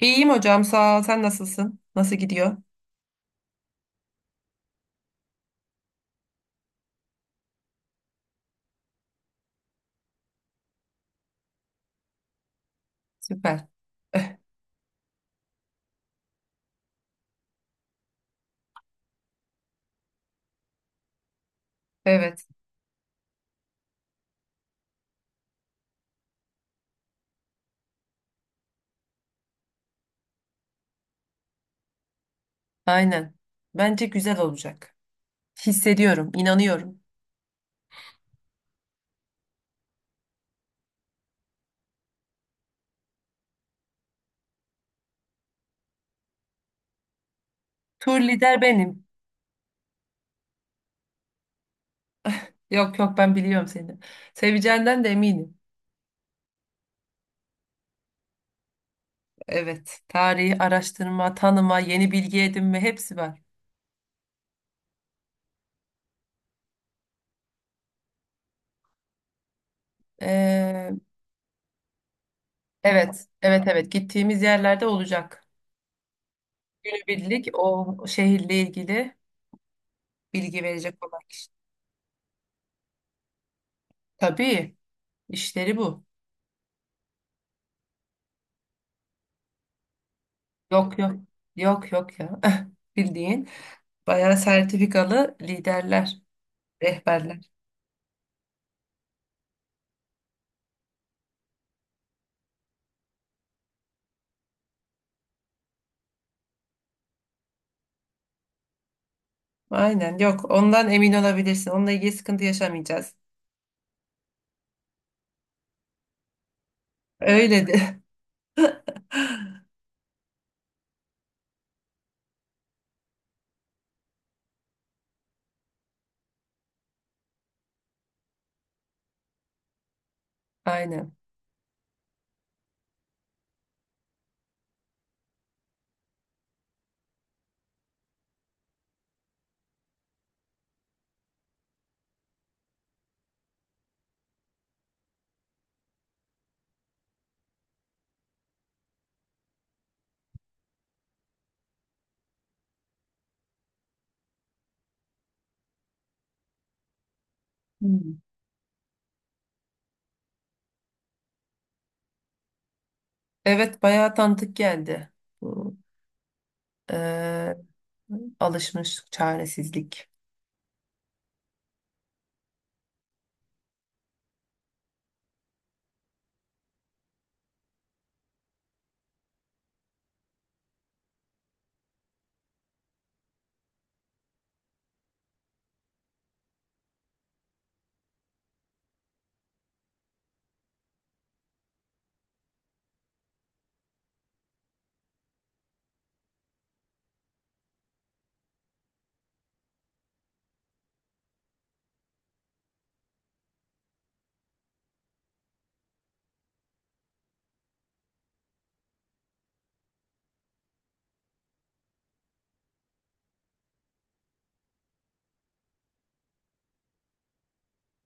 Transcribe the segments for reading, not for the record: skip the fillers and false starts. İyiyim hocam sağ ol. Sen nasılsın? Nasıl gidiyor? Süper. Eh, Evet, aynen. Bence güzel olacak. Hissediyorum, inanıyorum. Tur lider benim. Yok yok, ben biliyorum seni. Seveceğinden de eminim. Evet, tarihi araştırma, tanıma, yeni bilgi edinme hepsi var. Ee, evet, evet evet, gittiğimiz yerlerde olacak. Günübirlik o şehirle ilgili bilgi verecek olan kişi. Tabii, işleri bu. Yok yok. Yok yok ya. Bildiğin. Bayağı sertifikalı liderler, rehberler. Aynen, yok ondan emin olabilirsin. Onunla ilgili sıkıntı yaşamayacağız. Öyle de. Aynen. Hmm. Evet, bayağı tanıdık geldi. Bu eee, alışmış çaresizlik.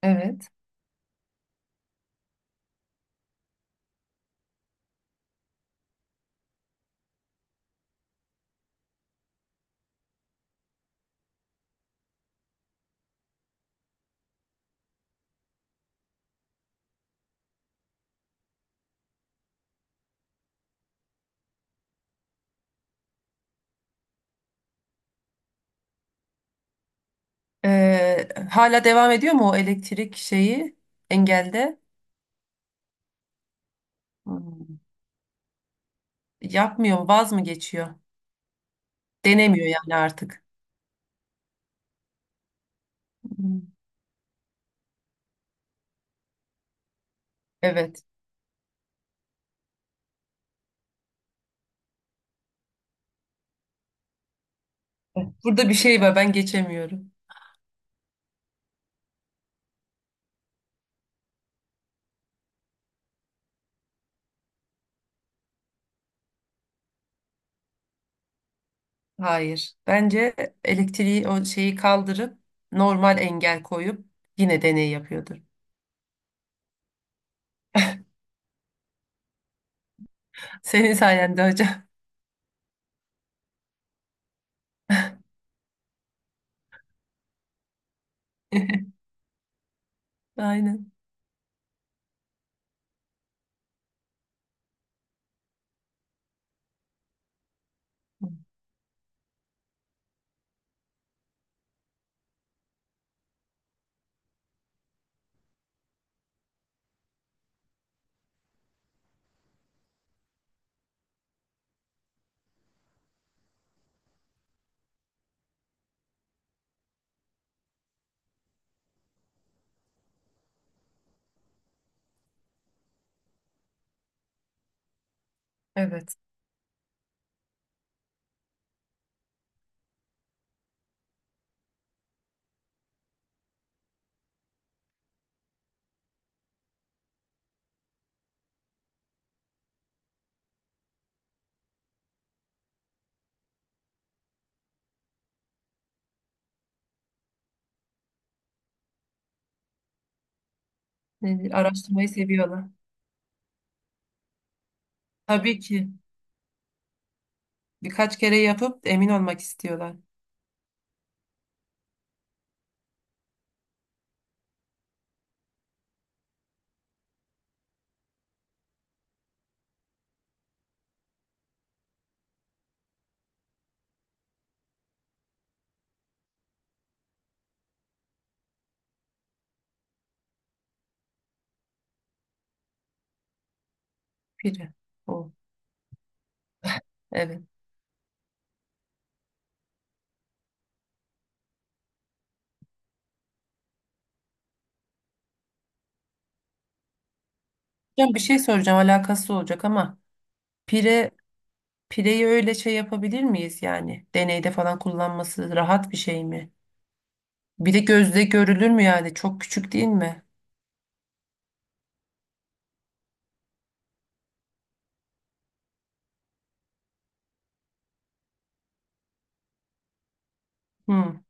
Evet. Hala devam ediyor mu o elektrik şeyi engelde? Hmm. Yapmıyor mu? Vaz mı geçiyor? Denemiyor yani artık. Hmm. Evet. Burada bir şey var, ben geçemiyorum. Hayır. Bence elektriği o şeyi kaldırıp normal engel koyup yine deney yapıyordur. Senin sayende hocam. Aynen. Evet. Nedir? Araştırmayı seviyorlar. Tabii ki. Birkaç kere yapıp emin olmak istiyorlar. Biri. O. Evet. Hocam bir şey soracağım, alakası olacak ama pire pireyi öyle şey yapabilir miyiz yani? Deneyde falan kullanması rahat bir şey mi? Bir de gözle görülür mü yani? Çok küçük değil mi? Hmm.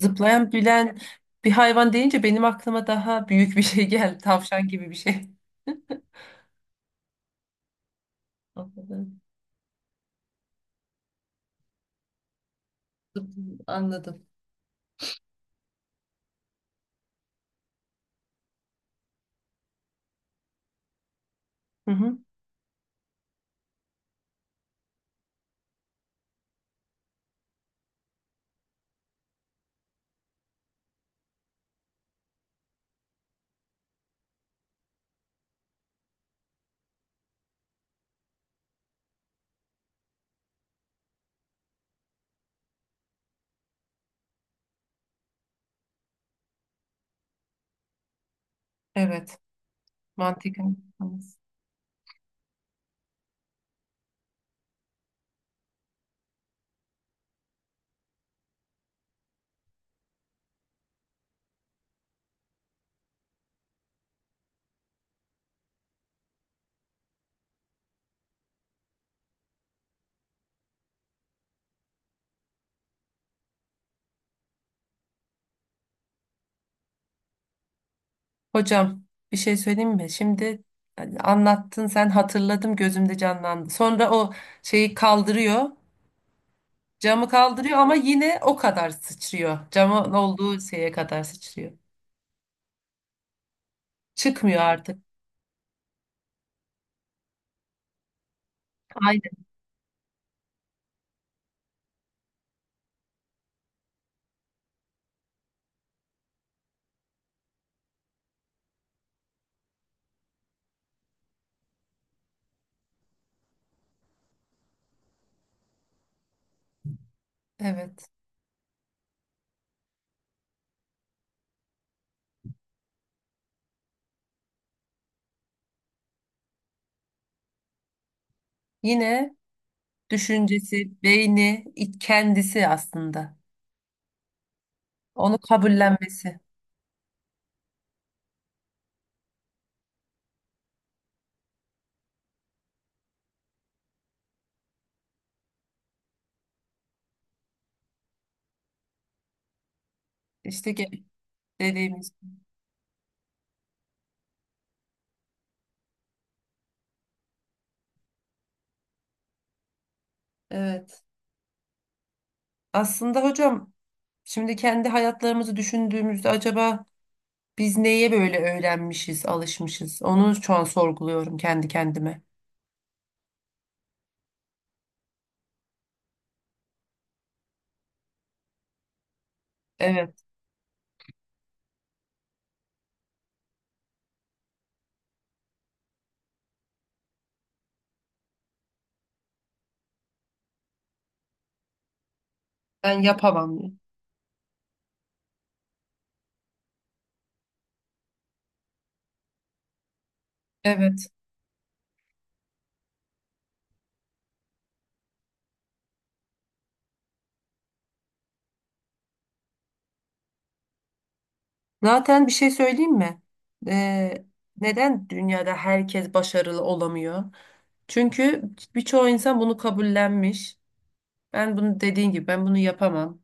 Zıplayan bilen bir hayvan deyince benim aklıma daha büyük bir şey geldi. Tavşan gibi bir şey. Anladım. Anladım. Hı hı. Evet. Mantıken. Hocam bir şey söyleyeyim mi? Şimdi hani anlattın, sen hatırladım, gözümde canlandı. Sonra o şeyi kaldırıyor. Camı kaldırıyor ama yine o kadar sıçrıyor. Camın olduğu şeye kadar sıçrıyor. Çıkmıyor artık. Aynen. Evet. Yine düşüncesi, beyni, kendisi aslında. Onu kabullenmesi. İşte ge- dediğimiz. Evet. Aslında hocam, şimdi kendi hayatlarımızı düşündüğümüzde acaba biz neye böyle öğrenmişiz, alışmışız? Onu şu an sorguluyorum kendi kendime. Evet. Ben yapamam diye. Evet. Zaten bir şey söyleyeyim mi? Ee, neden dünyada herkes başarılı olamıyor? Çünkü birçoğu insan bunu kabullenmiş. Ben bunu, dediğin gibi, ben bunu yapamam.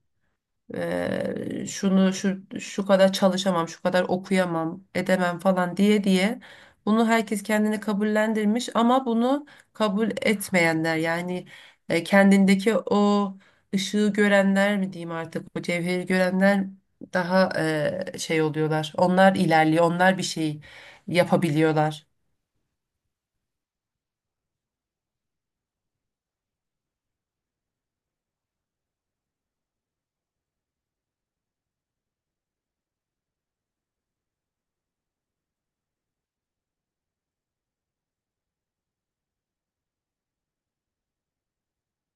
Şunu şu şu kadar çalışamam, şu kadar okuyamam, edemem falan diye diye bunu herkes kendini kabullendirmiş ama bunu kabul etmeyenler yani kendindeki o ışığı görenler mi diyeyim, artık o cevheri görenler daha şey oluyorlar. Onlar ilerliyor, onlar bir şey yapabiliyorlar.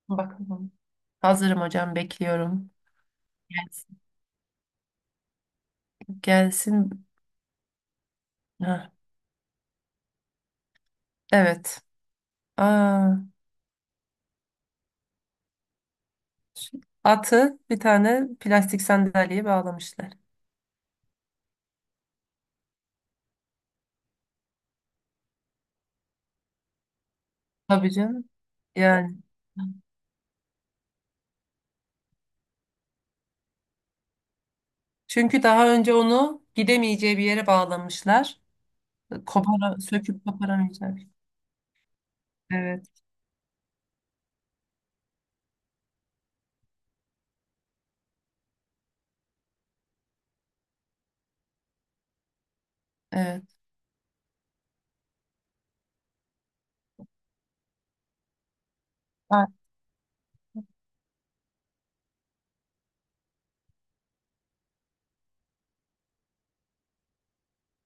Bakalım. Hazırım hocam, bekliyorum. Gelsin. Gelsin. Heh, evet. Aa. Atı bir tane plastik sandalyeye bağlamışlar. Tabii canım. Yani. Çünkü daha önce onu gidemeyeceği bir yere bağlamışlar. Kopara, söküp koparamayacağı evet, evet. A-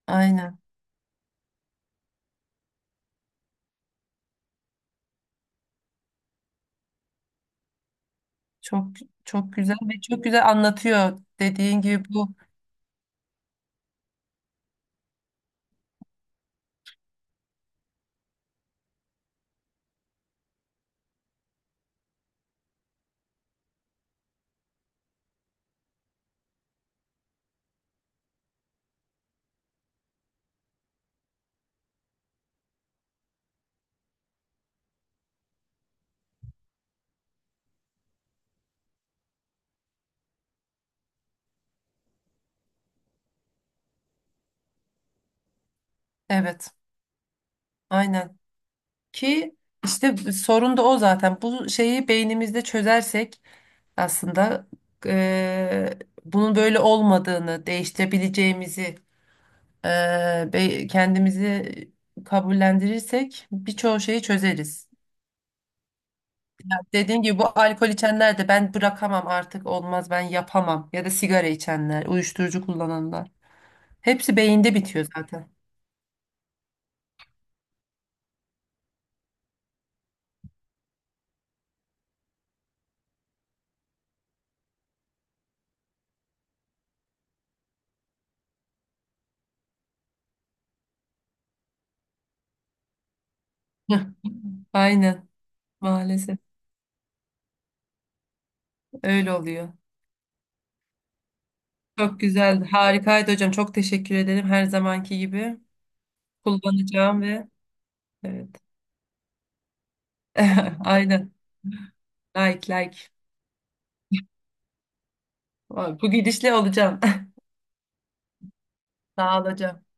Aynen. Çok çok güzel ve çok güzel anlatıyor dediğin gibi bu. Evet, aynen. Ki işte sorun da o zaten. Bu şeyi beynimizde çözersek aslında eee, bunun böyle olmadığını, değiştirebileceğimizi, kendimizi kabullendirirsek birçoğu şeyi çözeriz. Dediğim gibi bu alkol içenler de ben bırakamam artık, olmaz, ben yapamam ya da sigara içenler, uyuşturucu kullananlar. Hepsi beyinde bitiyor zaten. Hıh, aynen, maalesef öyle oluyor. Çok güzel, harikaydı hocam. Çok teşekkür ederim her zamanki gibi. Kullanacağım ve evet. Aynen. Like like. Vay, bu gidişle olacağım. Sağ ol hocam.